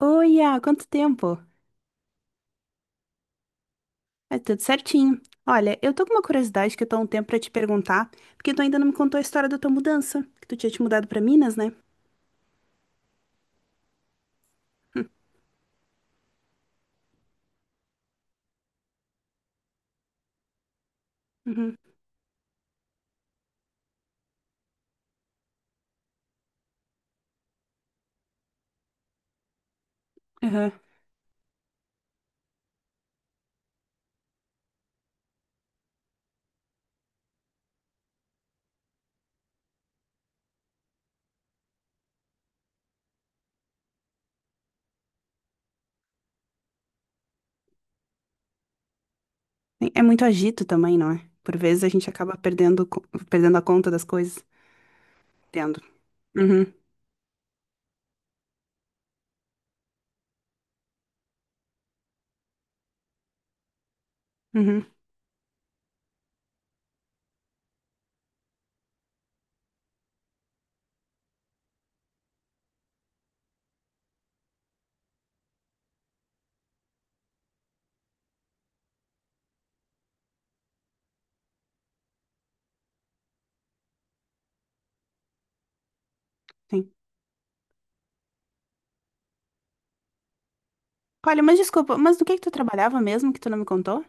Oi, há quanto tempo? É tudo certinho. Olha, eu tô com uma curiosidade que eu tô há um tempo pra te perguntar, porque tu ainda não me contou a história da tua mudança, que tu tinha te mudado pra Minas, né? Uhum, aham. É muito agito também, não é? Por vezes a gente acaba perdendo a conta das coisas. Entendo. Uhum, uhum, sim. Olha, mas desculpa, mas do que tu trabalhava mesmo que tu não me contou?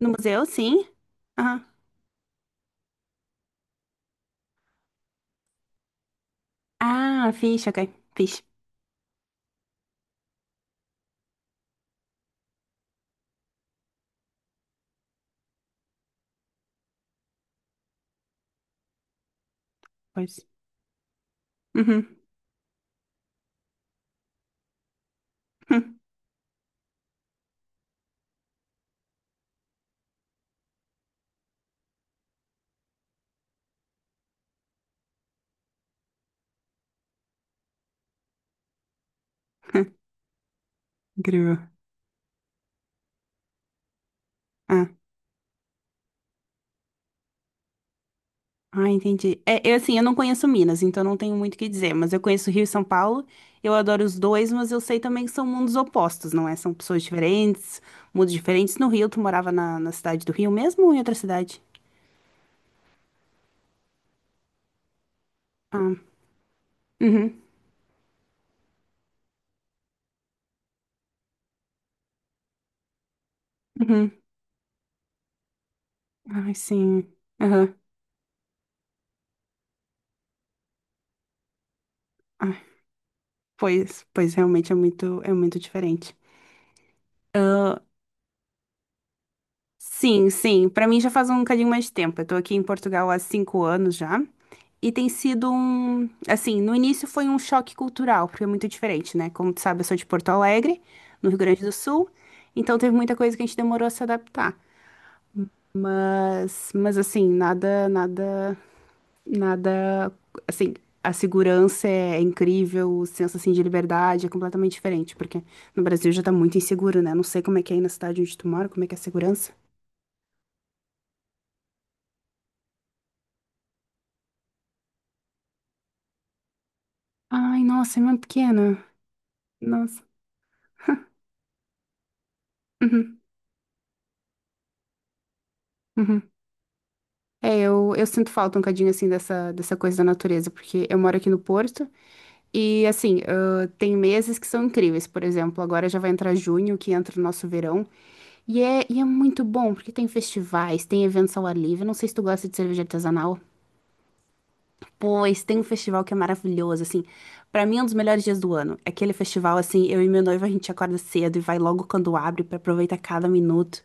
No museu, sim? Aham. Ah, fixe, ok. Fixe. Pois. Uhum. Incrível. Ah, entendi. É, eu, assim, eu não conheço Minas, então não tenho muito o que dizer, mas eu conheço Rio e São Paulo, eu adoro os dois, mas eu sei também que são mundos opostos, não é? São pessoas diferentes, mundos diferentes. No Rio, tu morava na cidade do Rio mesmo ou em outra cidade? Ah, uhum, uhum. Ai, sim. Aham. Ah, pois realmente é muito diferente. Ah, sim, sim. Pra mim já faz um bocadinho mais de tempo. Eu tô aqui em Portugal há 5 anos já. E tem sido um. Assim, no início foi um choque cultural, porque é muito diferente, né? Como tu sabe, eu sou de Porto Alegre, no Rio Grande do Sul. Então teve muita coisa que a gente demorou a se adaptar. Mas assim, nada, nada, nada. Assim, a segurança é incrível, o senso assim, de liberdade é completamente diferente, porque no Brasil já tá muito inseguro, né? Não sei como é que é aí na cidade onde tu mora, como é que é a segurança. Ai, nossa, é uma pequena. Nossa. Uhum, uhum. É, eu sinto falta um bocadinho, assim, dessa coisa da natureza, porque eu moro aqui no Porto e, assim, ah, tem meses que são incríveis. Por exemplo, agora já vai entrar junho, que entra o nosso verão. E é muito bom, porque tem festivais, tem eventos ao ar livre. Não sei se tu gosta de cerveja artesanal. Pois, tem um festival que é maravilhoso, assim. Pra mim, é um dos melhores dias do ano. É aquele festival, assim, eu e meu noivo, a gente acorda cedo e vai logo quando abre pra aproveitar cada minuto.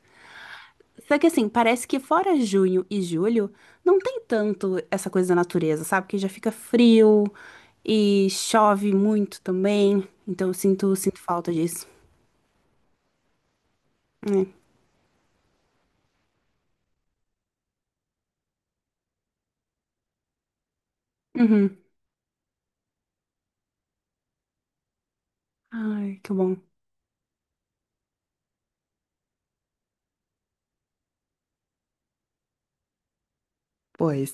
Só que assim, parece que fora junho e julho, não tem tanto essa coisa da natureza, sabe? Que já fica frio e chove muito também. Então eu sinto falta disso. É. Uhum. Ai, que bom. Pois.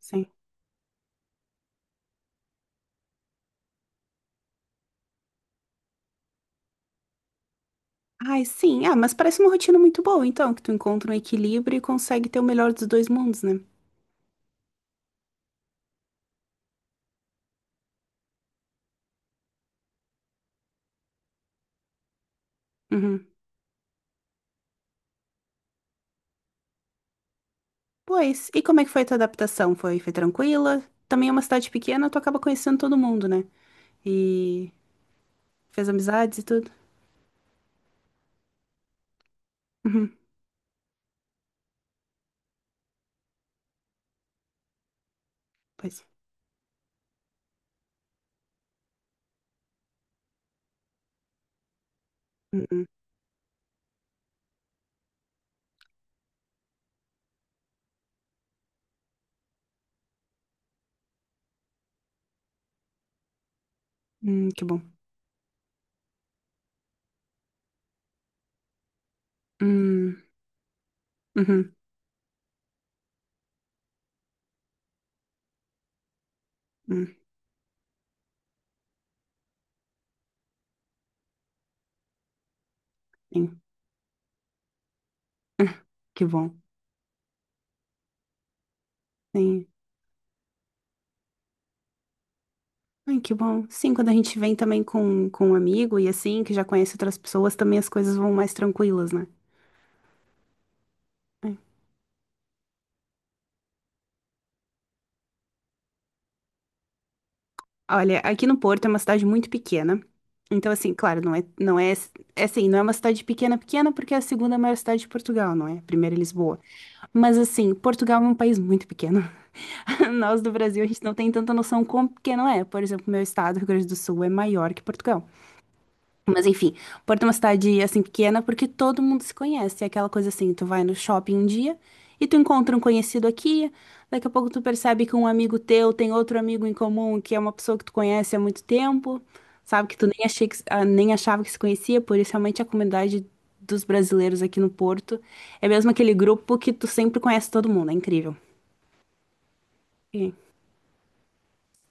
Sim. Ai, sim. Ah, mas parece uma rotina muito boa, então, que tu encontra um equilíbrio e consegue ter o melhor dos dois mundos, né? Uhum. Pois. E como é que foi a tua adaptação? Foi tranquila? Também é uma cidade pequena, tu acaba conhecendo todo mundo, né? E fez amizades e tudo. Uhum. Pois. Hum, hum, que bom. Hum, uhum, hum, sim. Ah, que bom. Sim. Ai, que bom. Sim, quando a gente vem também com um amigo e assim, que já conhece outras pessoas, também as coisas vão mais tranquilas, né? Olha, aqui no Porto é uma cidade muito pequena. Então, assim, claro, não é, é assim, não é uma cidade pequena, pequena, porque é a segunda maior cidade de Portugal, não é? Primeiro é Lisboa. Mas, assim, Portugal é um país muito pequeno. Nós do Brasil, a gente não tem tanta noção quão pequeno é. Por exemplo, meu estado, Rio Grande do Sul, é maior que Portugal. Mas enfim, Porto é uma cidade assim pequena porque todo mundo se conhece. É aquela coisa assim, tu vai no shopping um dia e tu encontra um conhecido aqui, daqui a pouco tu percebe que um amigo teu tem outro amigo em comum que é uma pessoa que tu conhece há muito tempo, sabe que tu nem achava que se conhecia, por isso realmente a comunidade dos brasileiros aqui no Porto é mesmo aquele grupo que tu sempre conhece todo mundo, é incrível.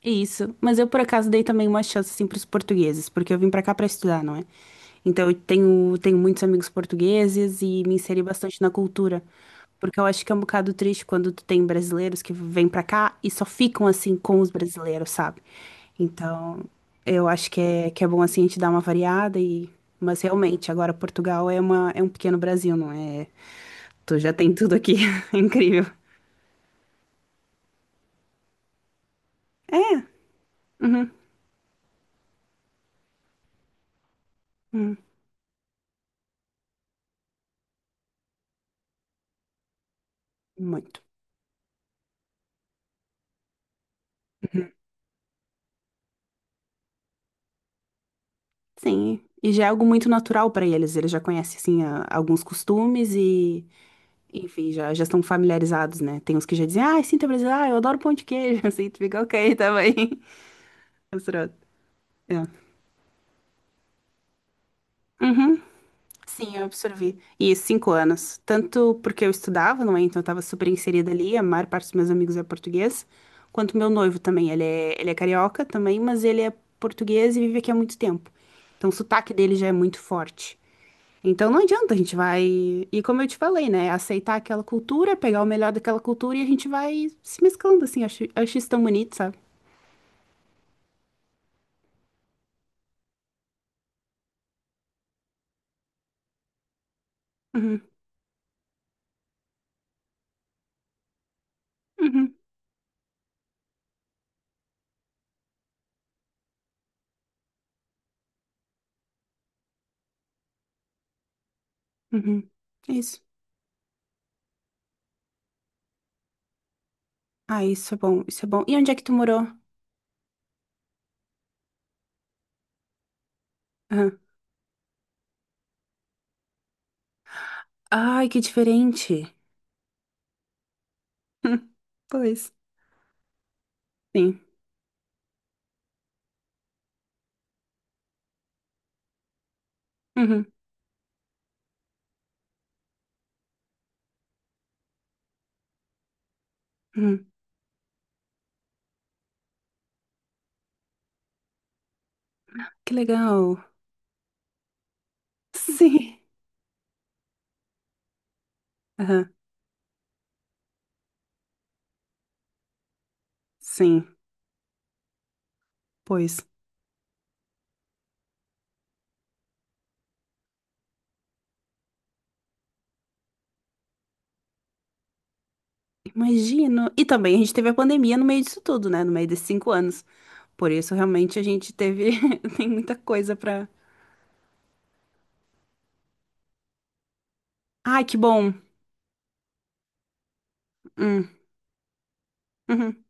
Isso, mas eu por acaso dei também uma chance assim para os portugueses, porque eu vim para cá para estudar, não é? Então eu tenho muitos amigos portugueses e me inseri bastante na cultura, porque eu acho que é um bocado triste quando tu tem brasileiros que vêm para cá e só ficam assim com os brasileiros, sabe? Então eu acho que é bom assim a gente dar uma variada e mas realmente agora Portugal é uma é um pequeno Brasil, não é? Tu já tem tudo aqui, é incrível. Hum, muito. Sim, e já é algo muito natural para eles. Eles já conhecem, assim, alguns costumes e, enfim, já estão familiarizados, né? Tem uns que já dizem, ah, sinto brasileiro, ah, eu adoro pão de queijo. Assim, tu fica, ok, tá bem. Misturado. É. Uhum. Sim, eu absorvi. E 5 anos. Tanto porque eu estudava, não é? Então eu estava super inserida ali, a maior parte dos meus amigos é português, quanto meu noivo também. Ele é carioca também, mas ele é português e vive aqui há muito tempo. Então o sotaque dele já é muito forte. Então não adianta, a gente vai. E como eu te falei, né? Aceitar aquela cultura, pegar o melhor daquela cultura e a gente vai se mesclando, assim. Eu acho isso tão bonito, sabe? Uhum, uhum, uhum. Isso. Ah, isso é bom, isso é bom. E onde é que tu morou? Aham. Ai, que diferente. Hum, pois. Sim. Uhum, uhum. Que legal. Sim. Aham. Sim. Pois. Imagino. E também a gente teve a pandemia no meio disso tudo, né? No meio desses 5 anos. Por isso, realmente, a gente teve. Tem muita coisa pra. Ai, que bom. Hum, uhum.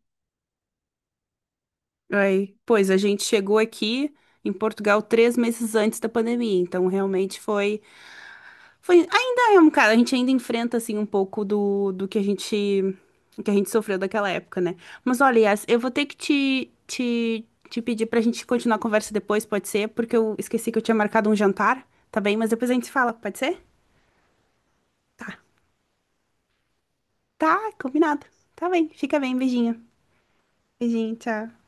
Aí, pois a gente chegou aqui em Portugal 3 meses antes da pandemia, então realmente foi ainda é um cara, a gente ainda enfrenta assim um pouco do que a gente sofreu daquela época, né? Mas olha, Yas, eu vou ter que te pedir pra gente continuar a conversa depois, pode ser? Porque eu esqueci que eu tinha marcado um jantar, tá bem? Mas depois a gente se fala, pode ser? Tá, tá, combinado. Tá bem, fica bem, beijinho. Beijinho, tchau.